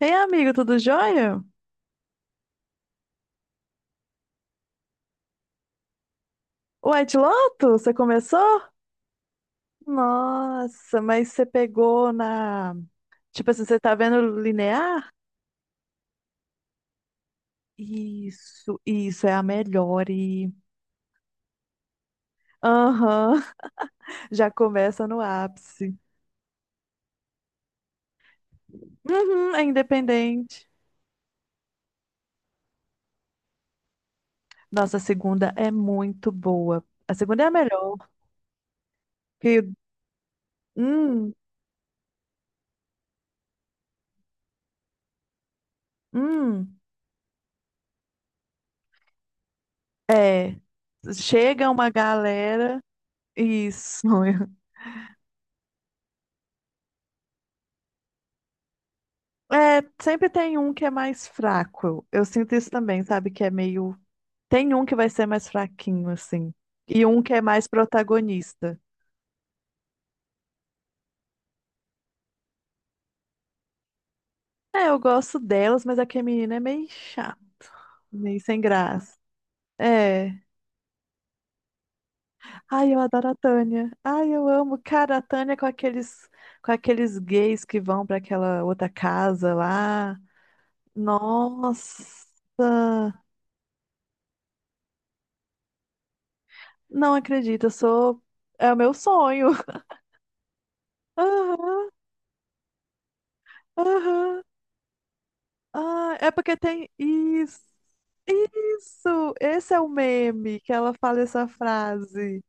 Ei, amigo, tudo jóia? White Lotus, você começou? Nossa, mas você pegou na. Tipo assim, você tá vendo linear? Isso é a melhor. E. Aham. Já começa no ápice. Uhum, é independente. Nossa, a segunda é muito boa. A segunda é a melhor. Que, hum, hum, é. Chega uma galera. Isso. É, sempre tem um que é mais fraco. Eu sinto isso também, sabe? Que é meio. Tem um que vai ser mais fraquinho, assim. E um que é mais protagonista. É, eu gosto delas, mas aquele menino é meio chato, meio sem graça. É. Ai, eu adoro a Tânia. Ai, eu amo. Cara, a Tânia com aqueles gays que vão pra aquela outra casa lá. Nossa! Não acredito, eu sou. É o meu sonho. Aham, aham. Ah, é porque tem isso. Isso! Esse é o meme que ela fala essa frase.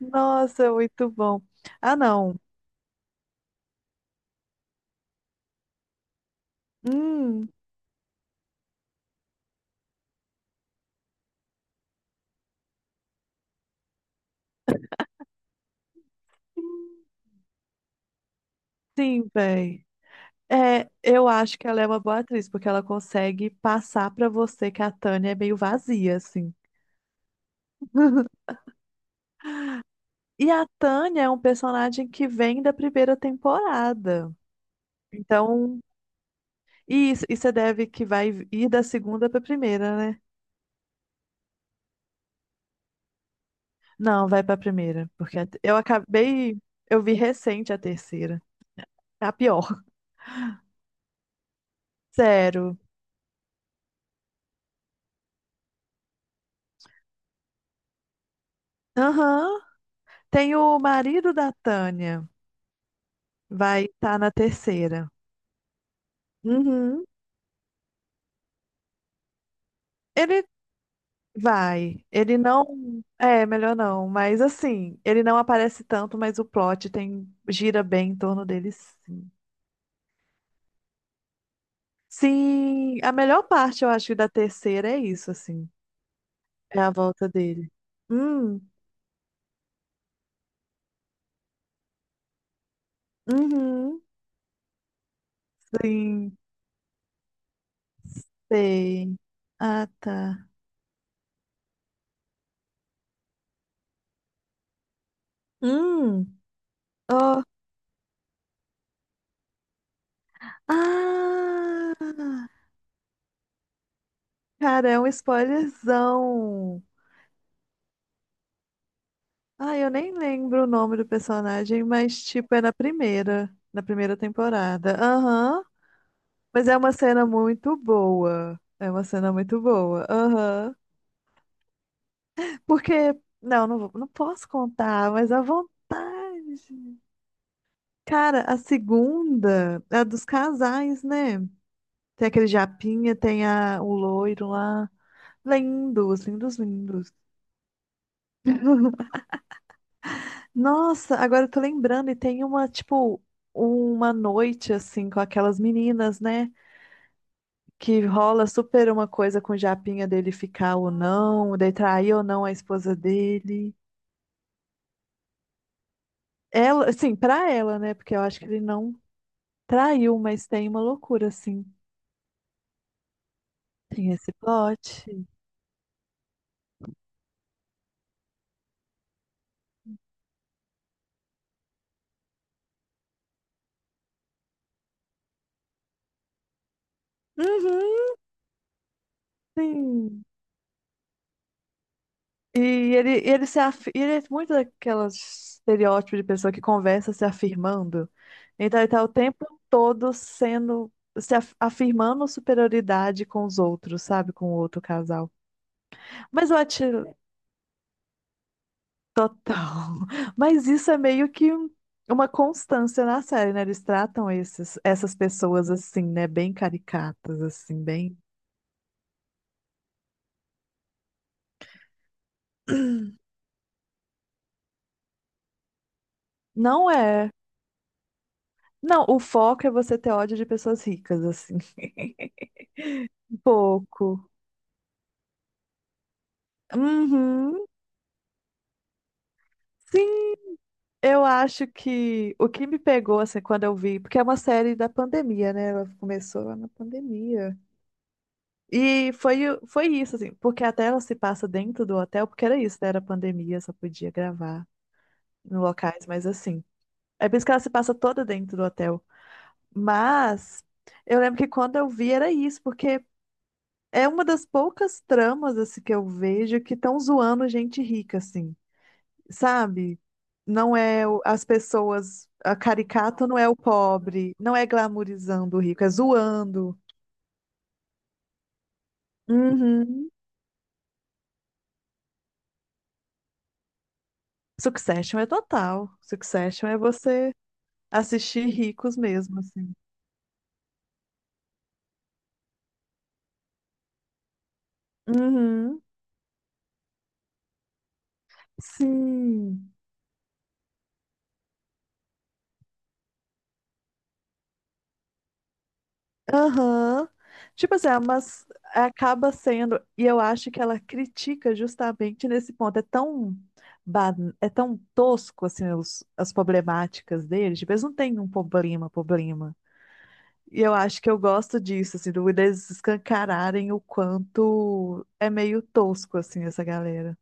Nossa, é muito bom. Ah, não. Hum, sim, véi. É, eu acho que ela é uma boa atriz, porque ela consegue passar pra você que a Tânia é meio vazia, assim. E a Tânia é um personagem que vem da primeira temporada. Então, e isso, e você deve que vai ir da segunda pra primeira, né? Não, vai pra primeira, porque eu acabei, eu vi recente a terceira. É a pior. Sério. Aham. Tem o marido da Tânia, vai estar na terceira. Uhum. Ele vai, ele não, é, melhor não, mas assim, ele não aparece tanto, mas o plot tem gira bem em torno dele, sim. Sim, a melhor parte, eu acho, da terceira é isso, assim, é a volta dele. Hum, uhum, sim. Sei. Ah, tá. Hum. Oh. Ah! Cara, é um spoilerzão. Ah, eu nem lembro o nome do personagem, mas, tipo, é na primeira temporada. Aham. Mas é uma cena muito boa. É uma cena muito boa. Aham. Porque, não, não, não posso contar, mas à vontade. Cara, a segunda é a dos casais, né? Tem aquele japinha, o loiro lá. Lindos, lindos, lindos. Nossa, agora eu tô lembrando, e tem uma, tipo, uma noite, assim, com aquelas meninas, né? Que rola super uma coisa com o japinha dele ficar ou não, de trair ou não a esposa dele. Ela, assim, pra ela, né? Porque eu acho que ele não traiu, mas tem uma loucura, assim. Tem esse plot. Uhum, sim. E e ele se af... e ele é muito daquelas estereótipo de pessoa que conversa se afirmando. Então ele tá o tempo todo sendo se af- afirmando superioridade com os outros, sabe? Com o outro casal. Mas eu acho total. Mas isso é meio que uma constância na série, né? Eles tratam essas pessoas assim, né? Bem caricatas, assim, bem. Não é. Não, o foco é você ter ódio de pessoas ricas, assim. Um pouco. Uhum. Sim, eu acho que o que me pegou, assim, quando eu vi, porque é uma série da pandemia, né? Ela começou lá na pandemia. E foi isso, assim, porque até ela se passa dentro do hotel, porque era isso, né? Era pandemia, só podia gravar em locais, mas assim. É por isso que ela se passa toda dentro do hotel. Mas eu lembro que quando eu vi era isso, porque é uma das poucas tramas, assim, que eu vejo que estão zoando gente rica, assim, sabe? Não é as pessoas, a caricata não é o pobre, não é glamourizando o rico, é zoando. Uhum. Succession é total. Succession é você assistir ricos mesmo, assim. Uhum. Sim. Aham. Tipo assim, ah, mas acaba sendo, e eu acho que ela critica justamente nesse ponto. Ba- é tão tosco assim as problemáticas deles. Tipo, eles não têm um problema, problema. E eu acho que eu gosto disso, assim, eles escancararem o quanto é meio tosco, assim, essa galera.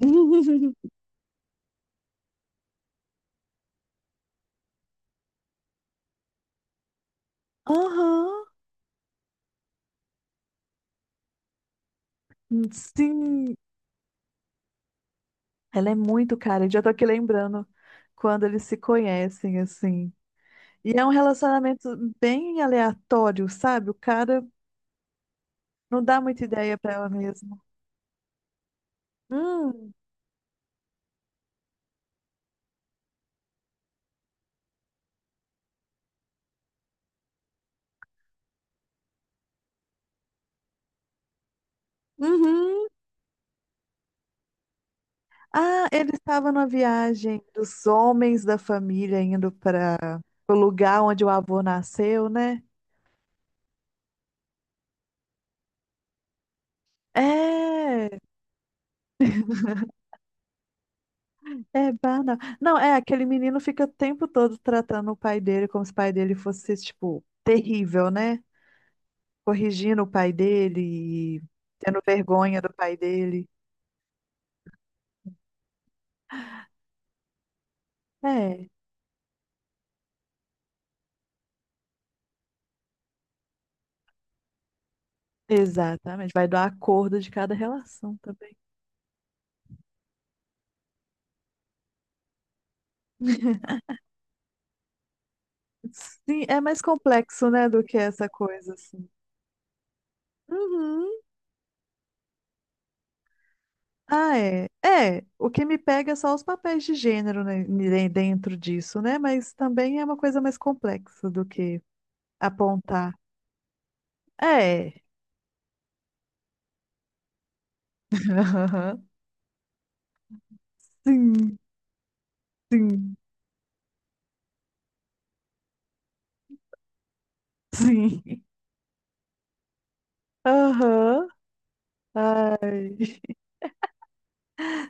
Aham. Sim, ela é muito cara. Eu já tô aqui lembrando quando eles se conhecem, assim. E é um relacionamento bem aleatório, sabe? O cara não dá muita ideia pra ela mesma. Hum. Uhum. Ah, ele estava numa viagem dos homens da família indo para o lugar onde o avô nasceu, né? É, é banal. Não, é, aquele menino fica o tempo todo tratando o pai dele como se o pai dele fosse, tipo, terrível, né? Corrigindo o pai dele e tendo vergonha do pai dele. É, exatamente. Vai do acordo de cada relação também. Sim, é mais complexo, né, do que essa coisa, assim. Uhum. Ah, é. É, o que me pega é só os papéis de gênero, né, dentro disso, né? Mas também é uma coisa mais complexa do que apontar. É. Aham. Sim, sim, sim. Aham. Ai.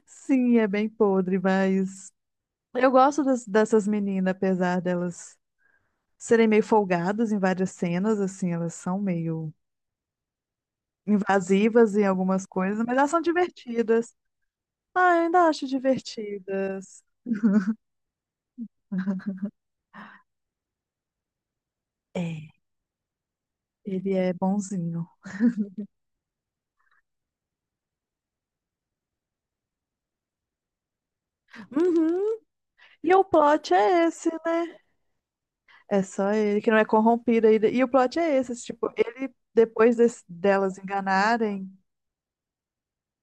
Sim, é bem podre, mas eu gosto dessas meninas, apesar delas serem meio folgadas em várias cenas, assim, elas são meio invasivas em algumas coisas, mas elas são divertidas. Ah, eu ainda acho divertidas. É, ele é bonzinho. Uhum. E o plot é esse, né? É só ele que não é corrompido ainda. E o plot é esse, assim, tipo, ele, depois delas enganarem.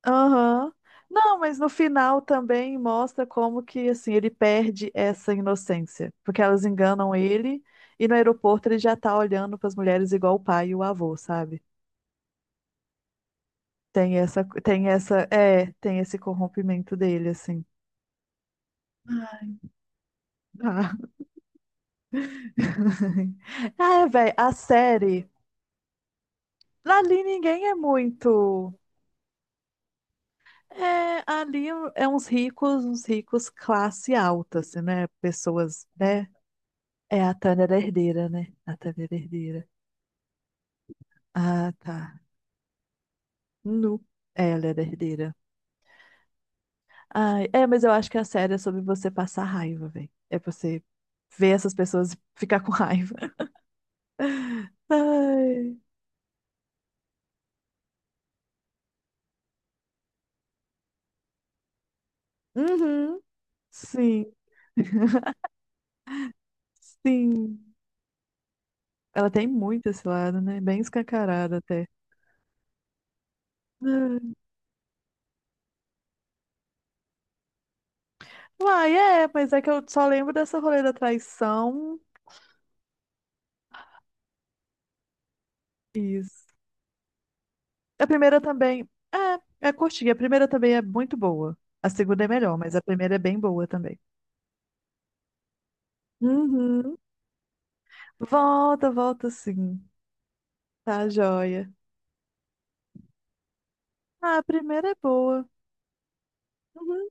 Aham. Não, mas no final também mostra como que, assim, ele perde essa inocência. Porque elas enganam ele e no aeroporto ele já tá olhando pras mulheres igual o pai e o avô, sabe? Tem esse corrompimento dele, assim. Ah, ah velho, a série. Ali ninguém é muito. É, ali é uns ricos classe alta, assim, né? Pessoas, né? É, a Tânia era herdeira, né? A Tânia era herdeira. Ah, tá. Nu. É, ela era herdeira. Ai, é, mas eu acho que a série é sobre você passar raiva, velho. É você ver essas pessoas e ficar com raiva. Ai. Uhum. Sim, sim. Ela tem muito esse lado, né? Bem escancarado até. Ai. Uai, é, mas é que eu só lembro dessa rolê da traição. Isso. A primeira também. É, é curtinha. A primeira também é muito boa. A segunda é melhor, mas a primeira é bem boa também. Uhum. Volta, volta sim. Tá joia. Ah, a primeira é boa. Uhum.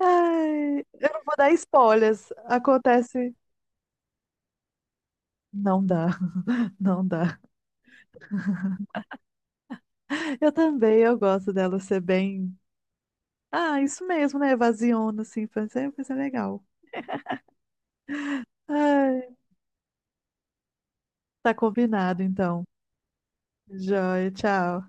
Ai, eu não vou dar spoilers. Acontece. Não dá, não dá. Eu também, eu gosto dela ser bem. Ah, isso mesmo, né? Evasiona, assim. Vai ser legal. Ai, tá combinado, então. Joia, tchau.